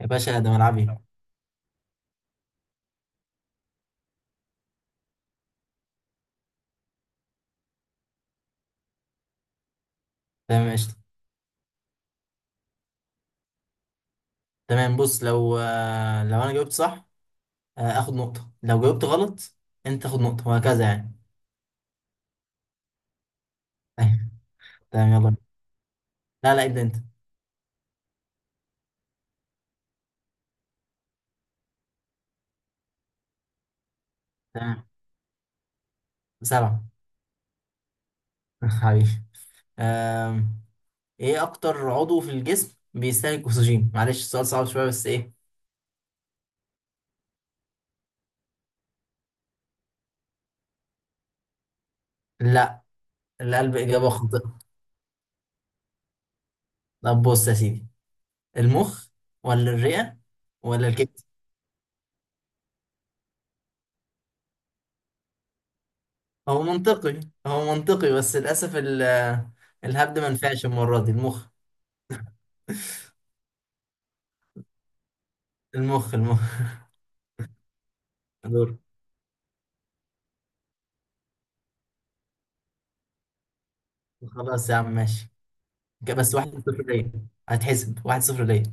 يا باشا، ده ملعبي. تمام، قشطة. تمام، بص. لو انا جاوبت صح، اخد نقطة. لو جاوبت غلط، انت تاخد نقطة وهكذا يعني. أيوة، تمام يلا. لا لا، ابدا انت. تمام. سبعة. حبيبي. آم، ايه اكتر عضو في الجسم بيستهلك اكسجين؟ معلش السؤال صعب شوية بس ايه. لا، القلب اجابة خاطئة. طب بص يا سيدي، المخ ولا الرئة ولا الكبد؟ هو منطقي، هو منطقي بس للاسف. الهبد ما نفعش المرة دي. المخ. المخ، المخ. دور. خلاص يا عم ماشي. بس واحد صفر ليا. هتحسب واحد صفر ليا.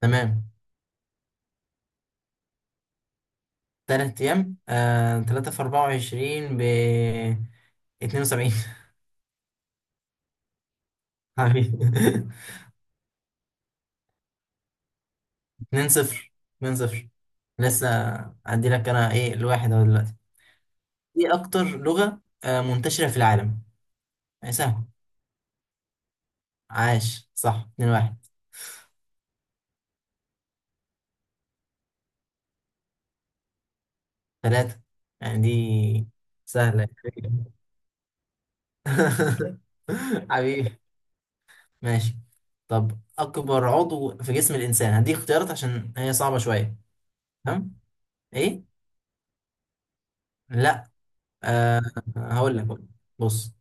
تمام. تلات أيام، تلاتة في 24 ب 72. حبيبي. اتنين صفر، اتنين صفر. لسه. أدي لك أنا إيه الواحد أهو دلوقتي. إيه أكتر لغة منتشرة في العالم؟ يعني سهل. عاش، صح. اتنين واحد. تلاتة، يعني دي سهلة. حبيبي، ماشي. طب اكبر عضو في جسم الانسان، هديك اختيارات عشان هي صعبه شويه. تمام. ايه؟ لا. أه، هقول لك. بص،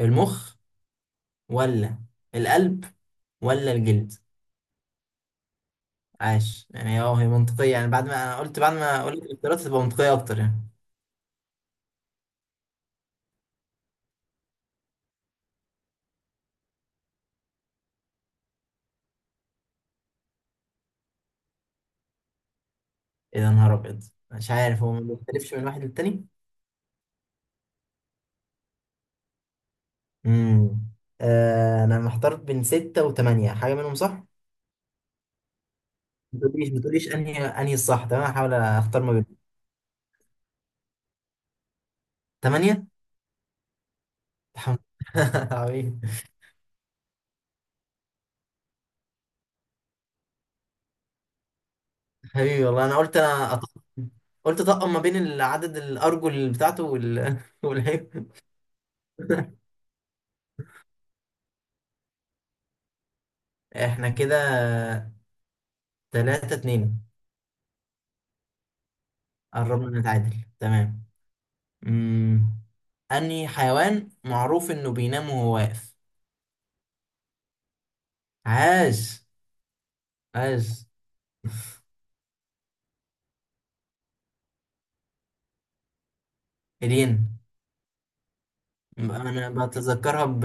المخ، ولا القلب، ولا الجلد؟ عاش. يعني هي منطقيه يعني، بعد ما اقول لك الاختيارات هتبقى منطقيه اكتر يعني. ايه ده، نهار ابيض. مش عارف، هو ما بيختلفش من واحد للتاني. امم انا محتار بين ستة وثمانية، حاجه منهم صح. ما تقوليش، ما تقوليش انهي الصح. تمام، هحاول اختار ما بين. ثمانية. الحمد لله. عظيم. هي والله انا قلت، قلت طقم ما بين العدد الارجل بتاعته والعيب. احنا كده تلاتة اتنين. قربنا نتعادل. تمام. امم انهي حيوان معروف انه بينام وهو واقف؟ عاش، عاش. الين. انا بتذكرها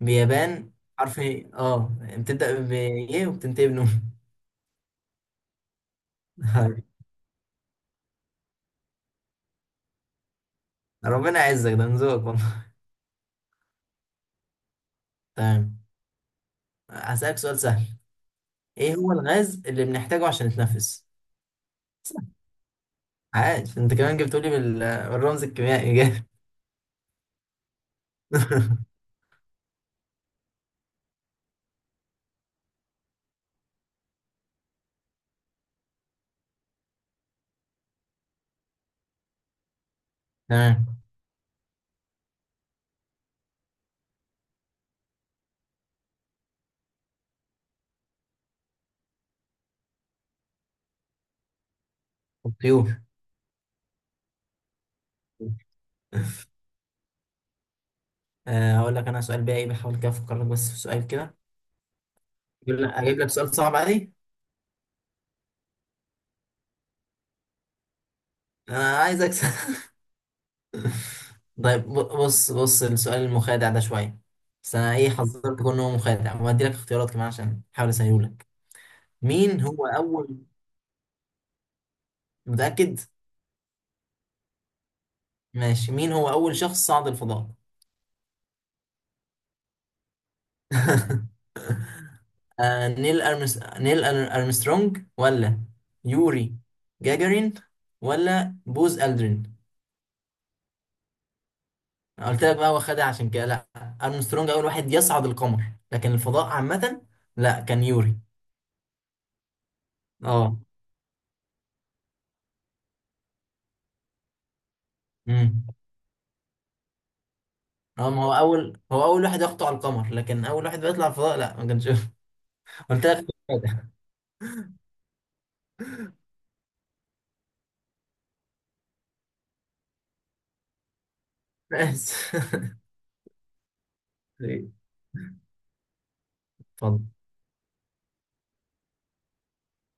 بيابان. حرف ايه، بتبدأ ب ايه وبتنتهي بنون. ربنا يعزك، ده من ذوقك والله. تمام، هسألك سؤال سهل. ايه هو الغاز اللي بنحتاجه عشان نتنفس؟ سهل. عاش، انت كمان جبت لي بالرمز الكيميائي، جامد. تمام. الطيور. هقول لك انا سؤال بقى ايه، بحاول كده افكر لك بس في سؤال كده. اجيب لك أجيب لك سؤال صعب عادي. انا عايز اكسب. طيب، بص بص، السؤال المخادع ده شويه. بس انا ايه حذرت كون هو مخادع، وهدي لك اختيارات كمان عشان احاول اسهله لك. مين هو اول. متاكد؟ ماشي، مين هو اول شخص صعد الفضاء؟ نيل أرمس... نيل أر- أرمسترونج، ولا يوري جاجارين، ولا بوز ألدرين؟ أنا قلت لك بقى، هو خدها عشان كده لا. أرمسترونج أول واحد يصعد القمر، لكن الفضاء عامة لا، كان يوري. اه امم اه ما هو أول واحد يخطو على القمر، لكن أول واحد بيطلع الفضاء لا، ما كانش. قلت لك خدها. بس. اتفضل.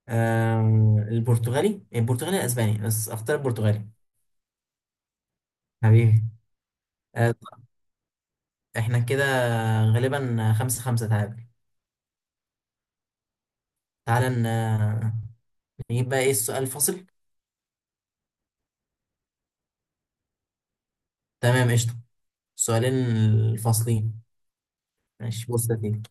البرتغالي، البرتغالي الأسباني، بس أختار البرتغالي. حبيبي. آه، احنا كده غالبا خمسة خمسة تعادل. تعالى نجيب بقى ايه السؤال الفاصل. تمام قشطة، السؤالين الفاصلين. ماشي، بص يا سيدي.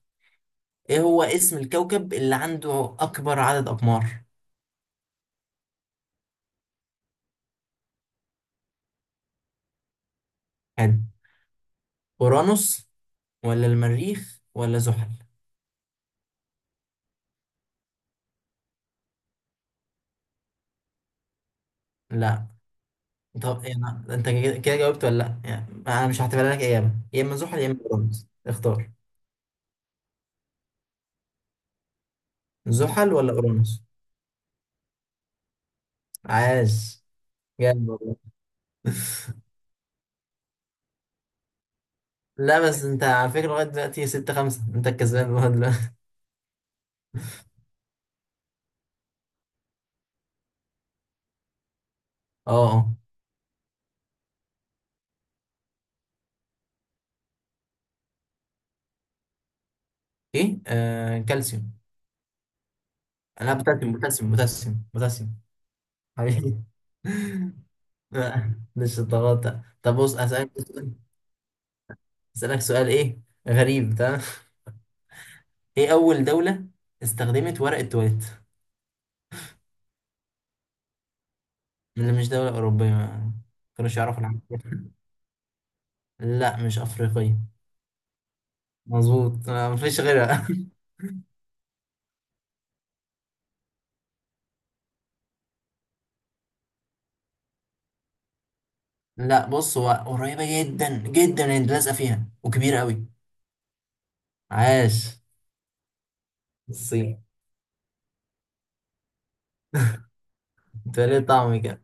ايه هو اسم الكوكب اللي عنده اكبر عدد اقمار؟ حلو. اورانوس، ولا المريخ، ولا زحل؟ لا. طب إيه، انت كده كده جاوبت ولا لا، يعني انا مش هعتبرها لك اجابة. يا اما زحل يا اما اورانوس، اختار. زحل ولا اورانوس؟ عاش. جامد والله. لا بس انت على فكرة، لغاية دلوقتي ستة خمسة انت الكسبان لغاية. اه، اه. ايه، كالسيوم. انا بوتاسيوم، بوتاسيوم، بوتاسيوم، بوتاسيوم. حبيبي. لا، مش الضغط ده. طب بص اسالك سؤال. ايه غريب. تمام. ايه اول دولة استخدمت ورق التواليت؟ اللي مش دولة أوروبية، ما كانوش يعرفوا العالم. لا، مش أفريقية. مظبوط، مفيش غيرها. لا بص، هو قريبة جدا جدا، انت لازقة فيها وكبيرة قوي. عاش. الصين. انت ليه طعمي كده.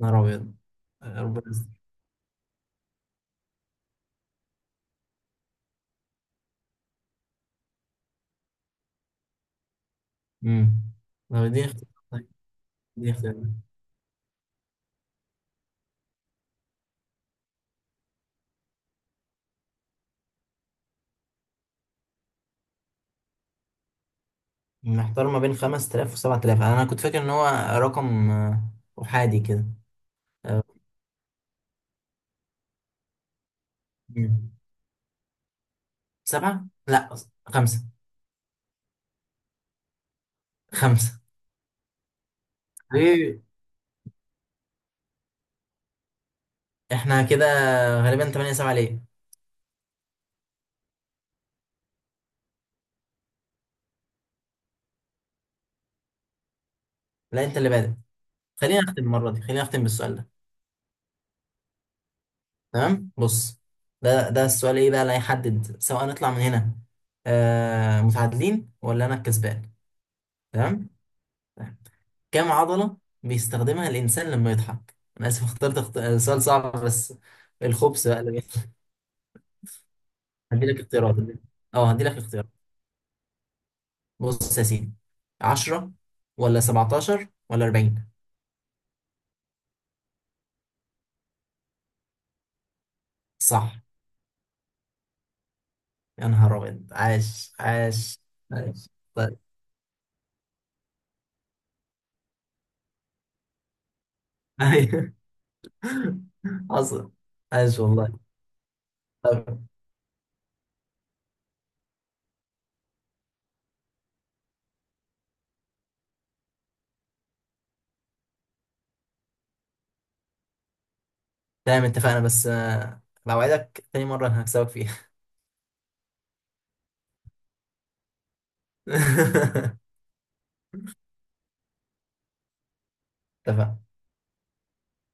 نهار أبيض. ربنا. امم طب اديني اختيار. طيب اديني اختيار. محتار ما بين 5000 و7000. انا كنت فاكر ان هو رقم احادي كده. آه، مم. سبعة لا، خمسة. خمسة. ليه؟ احنا كده غالبا 8-7 ليه. لا، انت اللي بادئ. خلينا نختم المرة دي، خلينا نختم بالسؤال ده. تمام بص، ده السؤال ايه بقى اللي هيحدد سواء نطلع من هنا متعادلين ولا انا الكسبان. تمام. كام عضلة بيستخدمها الإنسان لما يضحك؟ أنا آسف، اخترت سؤال صعب بس الخبز بقى اللي بيحصل. هديلك اختيارات. هديلك اختيارات. بص يا سيدي، 10 ولا 17 ولا 40؟ صح. يا نهار أبيض، عاش، عاش. عاش. طيب، أيوه. حصل. عاش والله. طيب. تمام، اتفقنا. بس لو عايزك تاني مرة هكسبك فيها. اتفقنا.